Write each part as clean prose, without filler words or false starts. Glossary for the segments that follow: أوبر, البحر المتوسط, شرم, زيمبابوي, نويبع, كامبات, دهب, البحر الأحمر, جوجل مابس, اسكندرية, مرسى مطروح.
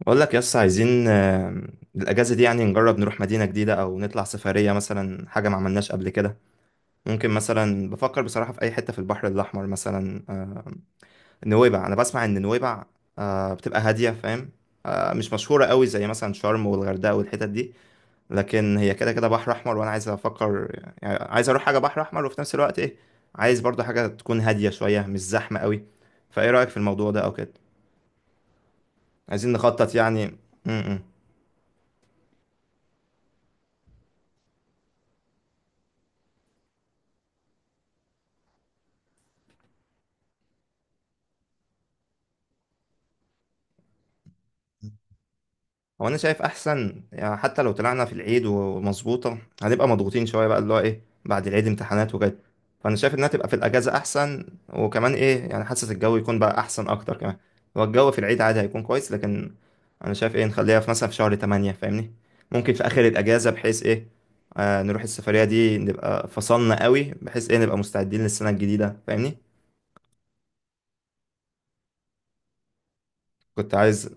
بقول لك يس عايزين، الأجازة دي يعني نجرب نروح مدينة جديدة أو نطلع سفرية مثلا، حاجة ما عملناش قبل كده. ممكن مثلا بفكر بصراحة في أي حتة في البحر الأحمر مثلا. نويبع. أنا بسمع إن نويبع بتبقى هادية، فاهم؟ مش مشهورة قوي زي مثلا شرم والغردقة والحتت دي، لكن هي كده كده بحر أحمر وأنا عايز أفكر. يعني عايز أروح حاجة بحر أحمر وفي نفس الوقت إيه، عايز برضه حاجة تكون هادية شوية، مش زحمة قوي. فإيه رأيك في الموضوع ده أو كده؟ عايزين نخطط يعني. م -م. هو انا شايف احسن، يعني حتى لو طلعنا في العيد ومظبوطه، هنبقى مضغوطين شويه بقى، اللي هو ايه، بعد العيد امتحانات وكده. فانا شايف انها تبقى في الاجازه احسن. وكمان ايه، يعني حاسس الجو يكون بقى احسن اكتر كمان. هو الجو في العيد عادي هيكون كويس، لكن انا شايف ايه، نخليها في مثلا في شهر 8، فاهمني؟ ممكن في اخر الاجازه بحيث ايه، نروح السفريه دي، نبقى فصلنا قوي بحيث ايه، نبقى مستعدين للسنه الجديده فاهمني. كنت عايز.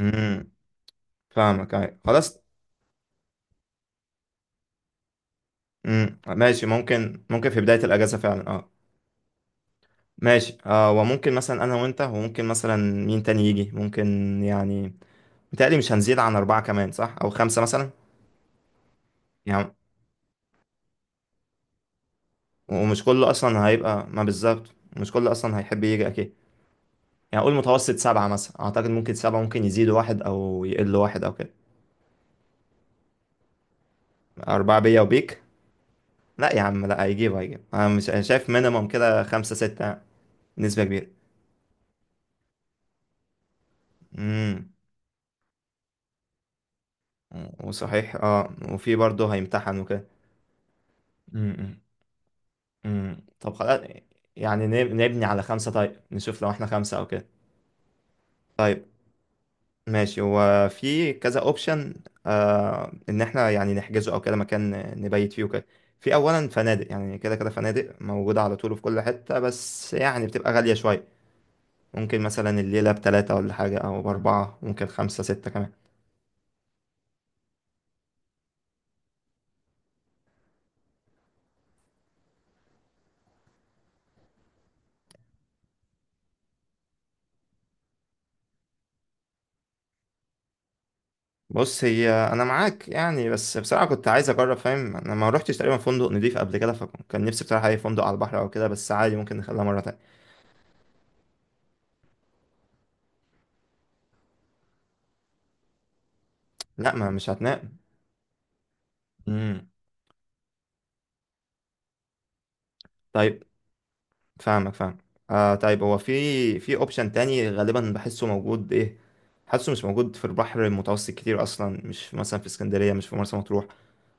امم فاهمك أيوة. خلاص. ماشي، ممكن في بداية الأجازة فعلا، اه. ماشي اه. وممكن مثلا أنا وأنت، وممكن مثلا مين تاني يجي ممكن. يعني متهيألي مش هنزيد عن أربعة، كمان صح؟ أو خمسة مثلا. يعني ومش كله أصلا هيبقى، ما بالظبط مش كله أصلا هيحب يجي، أكيد. يعني قول متوسط سبعة مثلا، أعتقد ممكن سبعة، ممكن يزيدوا واحد أو يقلوا واحد أو كده. أربعة بيا وبيك؟ لا يا عم، لا، هيجيب أنا مش، أنا شايف مينيمم كده خمسة ستة. نسبة كبيرة. امم وصحيح اه، وفي برضه هيمتحن وكده. مم. طب خلاص. يعني نبني على خمسة، طيب نشوف لو احنا خمسة او كده. طيب ماشي. هو في كذا اوبشن. ان احنا يعني نحجزه او كده مكان نبيت فيه وكده. في اولا فنادق، يعني كده كده فنادق موجودة على طول في كل حتة، بس يعني بتبقى غالية شوية. ممكن مثلا الليلة بتلاتة ولا حاجة، او باربعة، ممكن خمسة ستة كمان. بص، هي انا معاك يعني، بس بصراحة كنت عايز اجرب، فاهم؟ انا ما روحتش تقريبا فندق نضيف قبل كده، فكان نفسي بصراحة اي فندق على البحر او كده بس، عادي ممكن نخليها مرة تانية. لا، ما مش هتنام. امم طيب، فاهمك فاهم. طيب، هو في اوبشن تاني غالبا بحسه موجود، ايه حاسه مش موجود في البحر المتوسط كتير اصلا. مش مثلا في اسكندريه، مش في مرسى مطروح.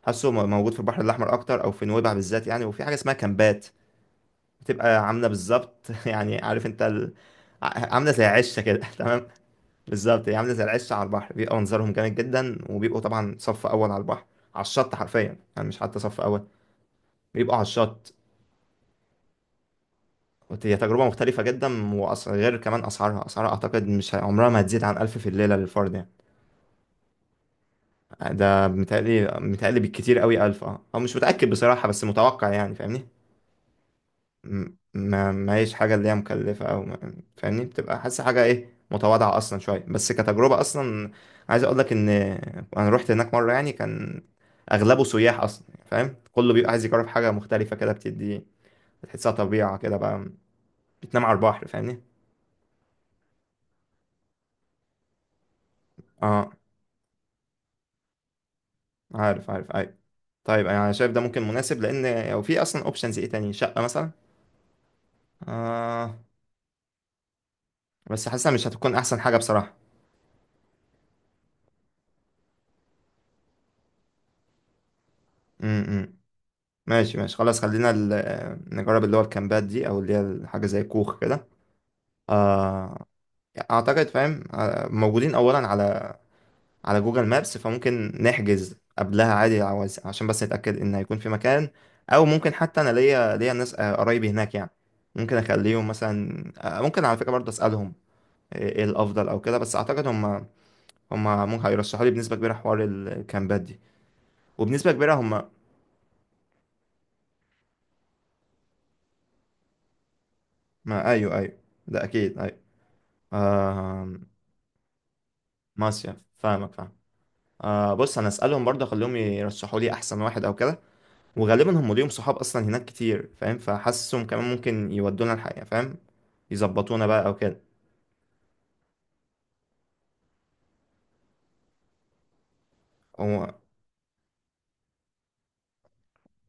حاسه موجود في البحر الاحمر اكتر، او في نويبع بالذات يعني. وفي حاجه اسمها كامبات، بتبقى عامله بالظبط يعني عارف انت ال. عامله زي عشه كده تمام؟ بالظبط. هي عامله زي العشه على البحر، بيبقى منظرهم جامد جدا وبيبقوا طبعا صف اول على البحر، على الشط حرفيا يعني، مش حتى صف اول. بيبقوا على الشط. هي تجربة مختلفة جدا وأص. غير كمان أسعارها. أسعارها أعتقد مش عمرها ما هتزيد عن ألف في الليلة للفرد يعني. ده متهيألي بالكتير قوي ألف، أه، أو مش متأكد بصراحة بس متوقع يعني، فاهمني. م- ما ما هيش حاجة اللي هي مكلفة أو ما. فاهمني؟ بتبقى حاسس حاجة إيه، متواضعة أصلا شوية بس كتجربة أصلا. عايز أقول لك إن أنا روحت هناك مرة يعني، كان أغلبه سياح أصلا يعني، فاهم؟ كله بيبقى عايز يجرب حاجة مختلفة كده، بتدي بتحسها طبيعة كده بقى. بتنام على البحر، فاهمني. أه، عارف عارف، أيوة. طيب انا شايف ده ممكن مناسب، لان لو في اصلا اوبشنز ايه تاني، شقه مثلا. آه بس حاسسها مش هتكون احسن حاجه بصراحه. امم ماشي ماشي خلاص. خلينا نجرب اللي هو الكامبات دي، او اللي هي حاجه زي كوخ كده. آه، اعتقد فاهم، موجودين اولا على جوجل مابس فممكن نحجز قبلها عادي، عشان بس نتاكد ان هيكون في مكان. او ممكن حتى انا ليا ناس، قرايبي هناك يعني. ممكن اخليهم مثلا، ممكن على فكره برضه اسالهم إيه الافضل او كده. بس اعتقد هم ممكن هيرشحوا لي بنسبة كبيرة حوار الكامبات دي. وبنسبة كبيرة هم، ما أيوه أيوه، ده أكيد أيوه. آه... ماشية، فاهمك فاهم. آه بص أنا أسألهم برضه، أخليهم يرشحوا لي أحسن واحد أو كده. وغالبا هم ليهم صحاب أصلا هناك كتير، فاهم؟ فحاسسهم كمان ممكن يودونا الحقيقة، فاهم؟ يظبطونا بقى أو كده. هو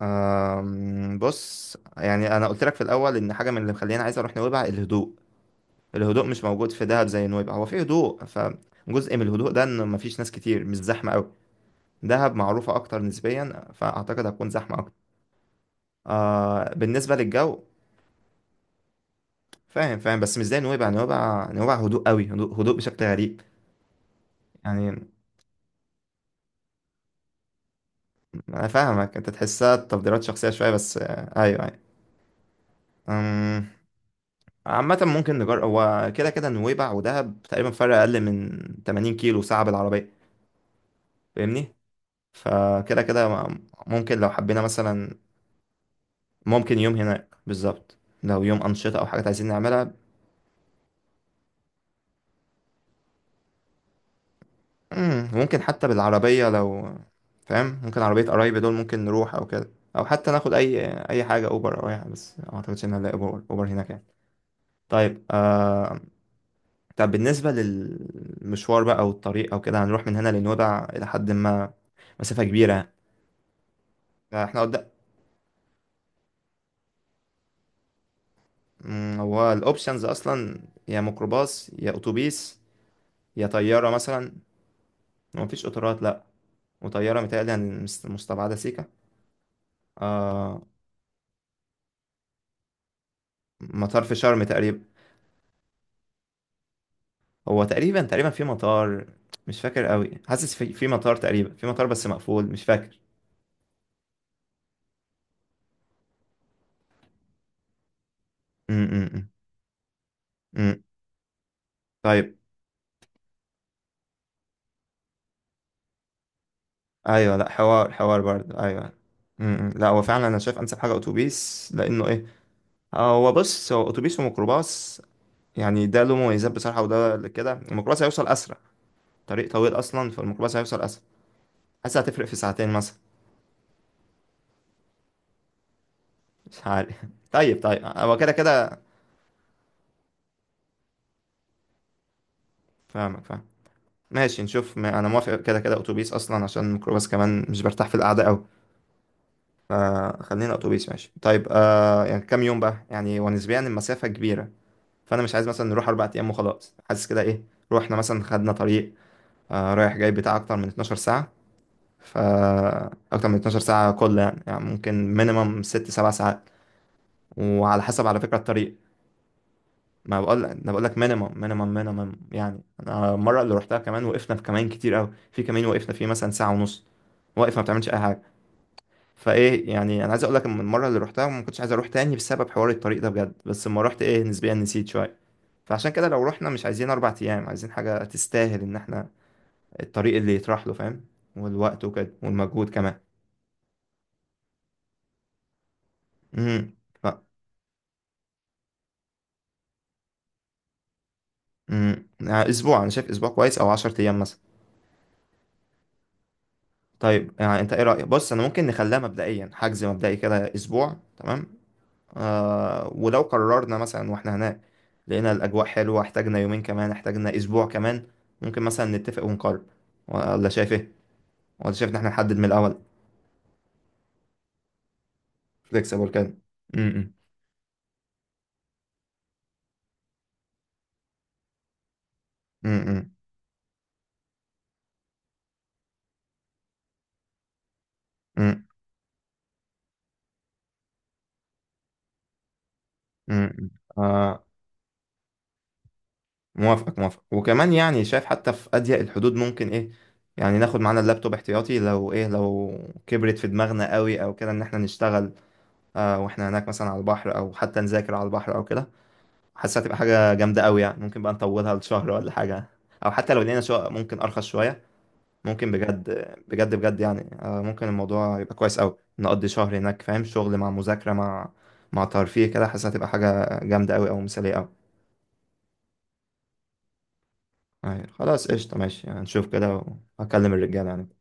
بص يعني، أنا قلت لك في الأول إن حاجة من اللي مخليني عايز أروح نويبع الهدوء. الهدوء مش موجود في دهب زي نويبع. هو في هدوء، جزء من الهدوء ده ان مفيش ناس كتير، مش زحمه قوي. دهب معروفة أكتر نسبيا، فأعتقد هتكون زحمة أكتر. آه بالنسبة للجو، فاهم فاهم، بس مش زي نويبع. نويبع هدوء قوي، هدوء هدوء بشكل غريب. يعني أنا فاهمك، أنت تحسها تفضيلات شخصية شوية، بس آه، أيوه أيوه. أم، عامة ممكن نجرب. هو كده كده نويبع ودهب تقريبا فرق أقل من 80 كيلو ساعة بالعربية، فاهمني. فكده كده ممكن لو حبينا مثلا. ممكن يوم هناك بالظبط، لو يوم أنشطة أو حاجات عايزين نعملها. ممكن حتى بالعربية لو، فاهم؟ ممكن عربية قرايبي دول ممكن نروح أو كده. أو حتى ناخد أي حاجة، أوبر أو أي حاجة، بس ما أعتقدش إن هنلاقي أوبر. أوبر هناك يعني؟ طيب. طب بالنسبة للمشوار بقى أو الطريق أو كده، هنروح من هنا لنويبع إلى حد ما مسافة كبيرة. فإحنا قدام هو الأوبشنز أصلا يا ميكروباص يا أتوبيس يا طيارة مثلا. مفيش قطارات لأ. وطيارة متهيألي مستبعدة سيكا. آه... مطار في شرم تقريبا. هو تقريبا في مطار. مش فاكر قوي. حاسس في مطار، تقريبا في مطار بس مقفول، مش فاكر. امم امم طيب. ايوه، لا، حوار حوار برضه، ايوه. لا، هو فعلا انا شايف انسب حاجه اتوبيس، لانه ايه، هو بص، هو اتوبيس وميكروباص. يعني ده له مميزات بصراحه، وده اللي كده، الميكروباص هيوصل اسرع. طريق طويل اصلا، فالميكروباص هيوصل اسرع. حاسس هتفرق في ساعتين مثلا. مش عارف طيب طيب هو كده كده. فاهمك فاهم. ماشي نشوف. ما انا موافق كده كده اتوبيس اصلا، عشان الميكروباص كمان مش برتاح في القعده قوي. خلينا اتوبيس ماشي. طيب يعني كام يوم بقى يعني؟ ونسبيا المسافه كبيره، فانا مش عايز مثلا نروح اربع ايام وخلاص. حاسس كده ايه، روحنا مثلا، خدنا طريق رايح جاي بتاع اكتر من 12 ساعه. ف اكتر من 12 ساعه كل يعني, يعني ممكن مينيمم ست سبع ساعات. وعلى حسب على فكره الطريق. ما بقول، انا بقول لك مينيمم مينيمم مينيمم يعني. انا المره اللي روحتها كمان، وقفنا في كمان كتير قوي، في كمين وقفنا فيه مثلا ساعه ونص، واقف ما بتعملش اي حاجه. فايه يعني، انا عايز اقول لك، من المره اللي روحتها ما كنتش عايز اروح تاني بسبب حوار الطريق ده بجد، بس لما رحت ايه، نسبيا نسيت شويه. فعشان كده لو رحنا، مش عايزين اربع ايام، عايزين حاجه تستاهل ان احنا الطريق اللي يطرح له، فاهم؟ والوقت وكده والمجهود كمان. امم ف يعني اسبوع، انا شايف اسبوع كويس، او 10 ايام مثلا. طيب يعني انت ايه رايك؟ بص انا ممكن نخليها مبدئيا حجز مبدئي كده اسبوع، تمام؟ آه، ولو قررنا مثلا واحنا هناك لقينا الأجواء حلوة، احتاجنا يومين كمان، احتاجنا أسبوع كمان، ممكن مثلا نتفق ونقرر. ولا شايف ايه؟ ولا شايف إن احنا نحدد من الأول؟ فليكسيبل كده. م- م- م- م- م- م. آه، موافقك موافق. وكمان يعني، شايف حتى في أضيق الحدود ممكن ايه، يعني ناخد معانا اللابتوب احتياطي، لو ايه، لو كبرت في دماغنا قوي او كده ان احنا نشتغل آه واحنا هناك مثلا على البحر، او حتى نذاكر على البحر او كده. حاسس هتبقى حاجة جامدة قوي يعني، ممكن بقى نطولها لشهر ولا حاجة. أو حتى لو لقينا شقق ممكن أرخص شوية، ممكن بجد بجد بجد يعني، ممكن الموضوع يبقى كويس قوي، نقضي شهر هناك، فاهم؟ شغل مع مذاكرة مع ترفيه كده. حاسس هتبقى حاجة جامدة قوي، أو مثالية قوي. خلاص قشطة ماشي، هنشوف كده. وهكلم الرجالة يعني.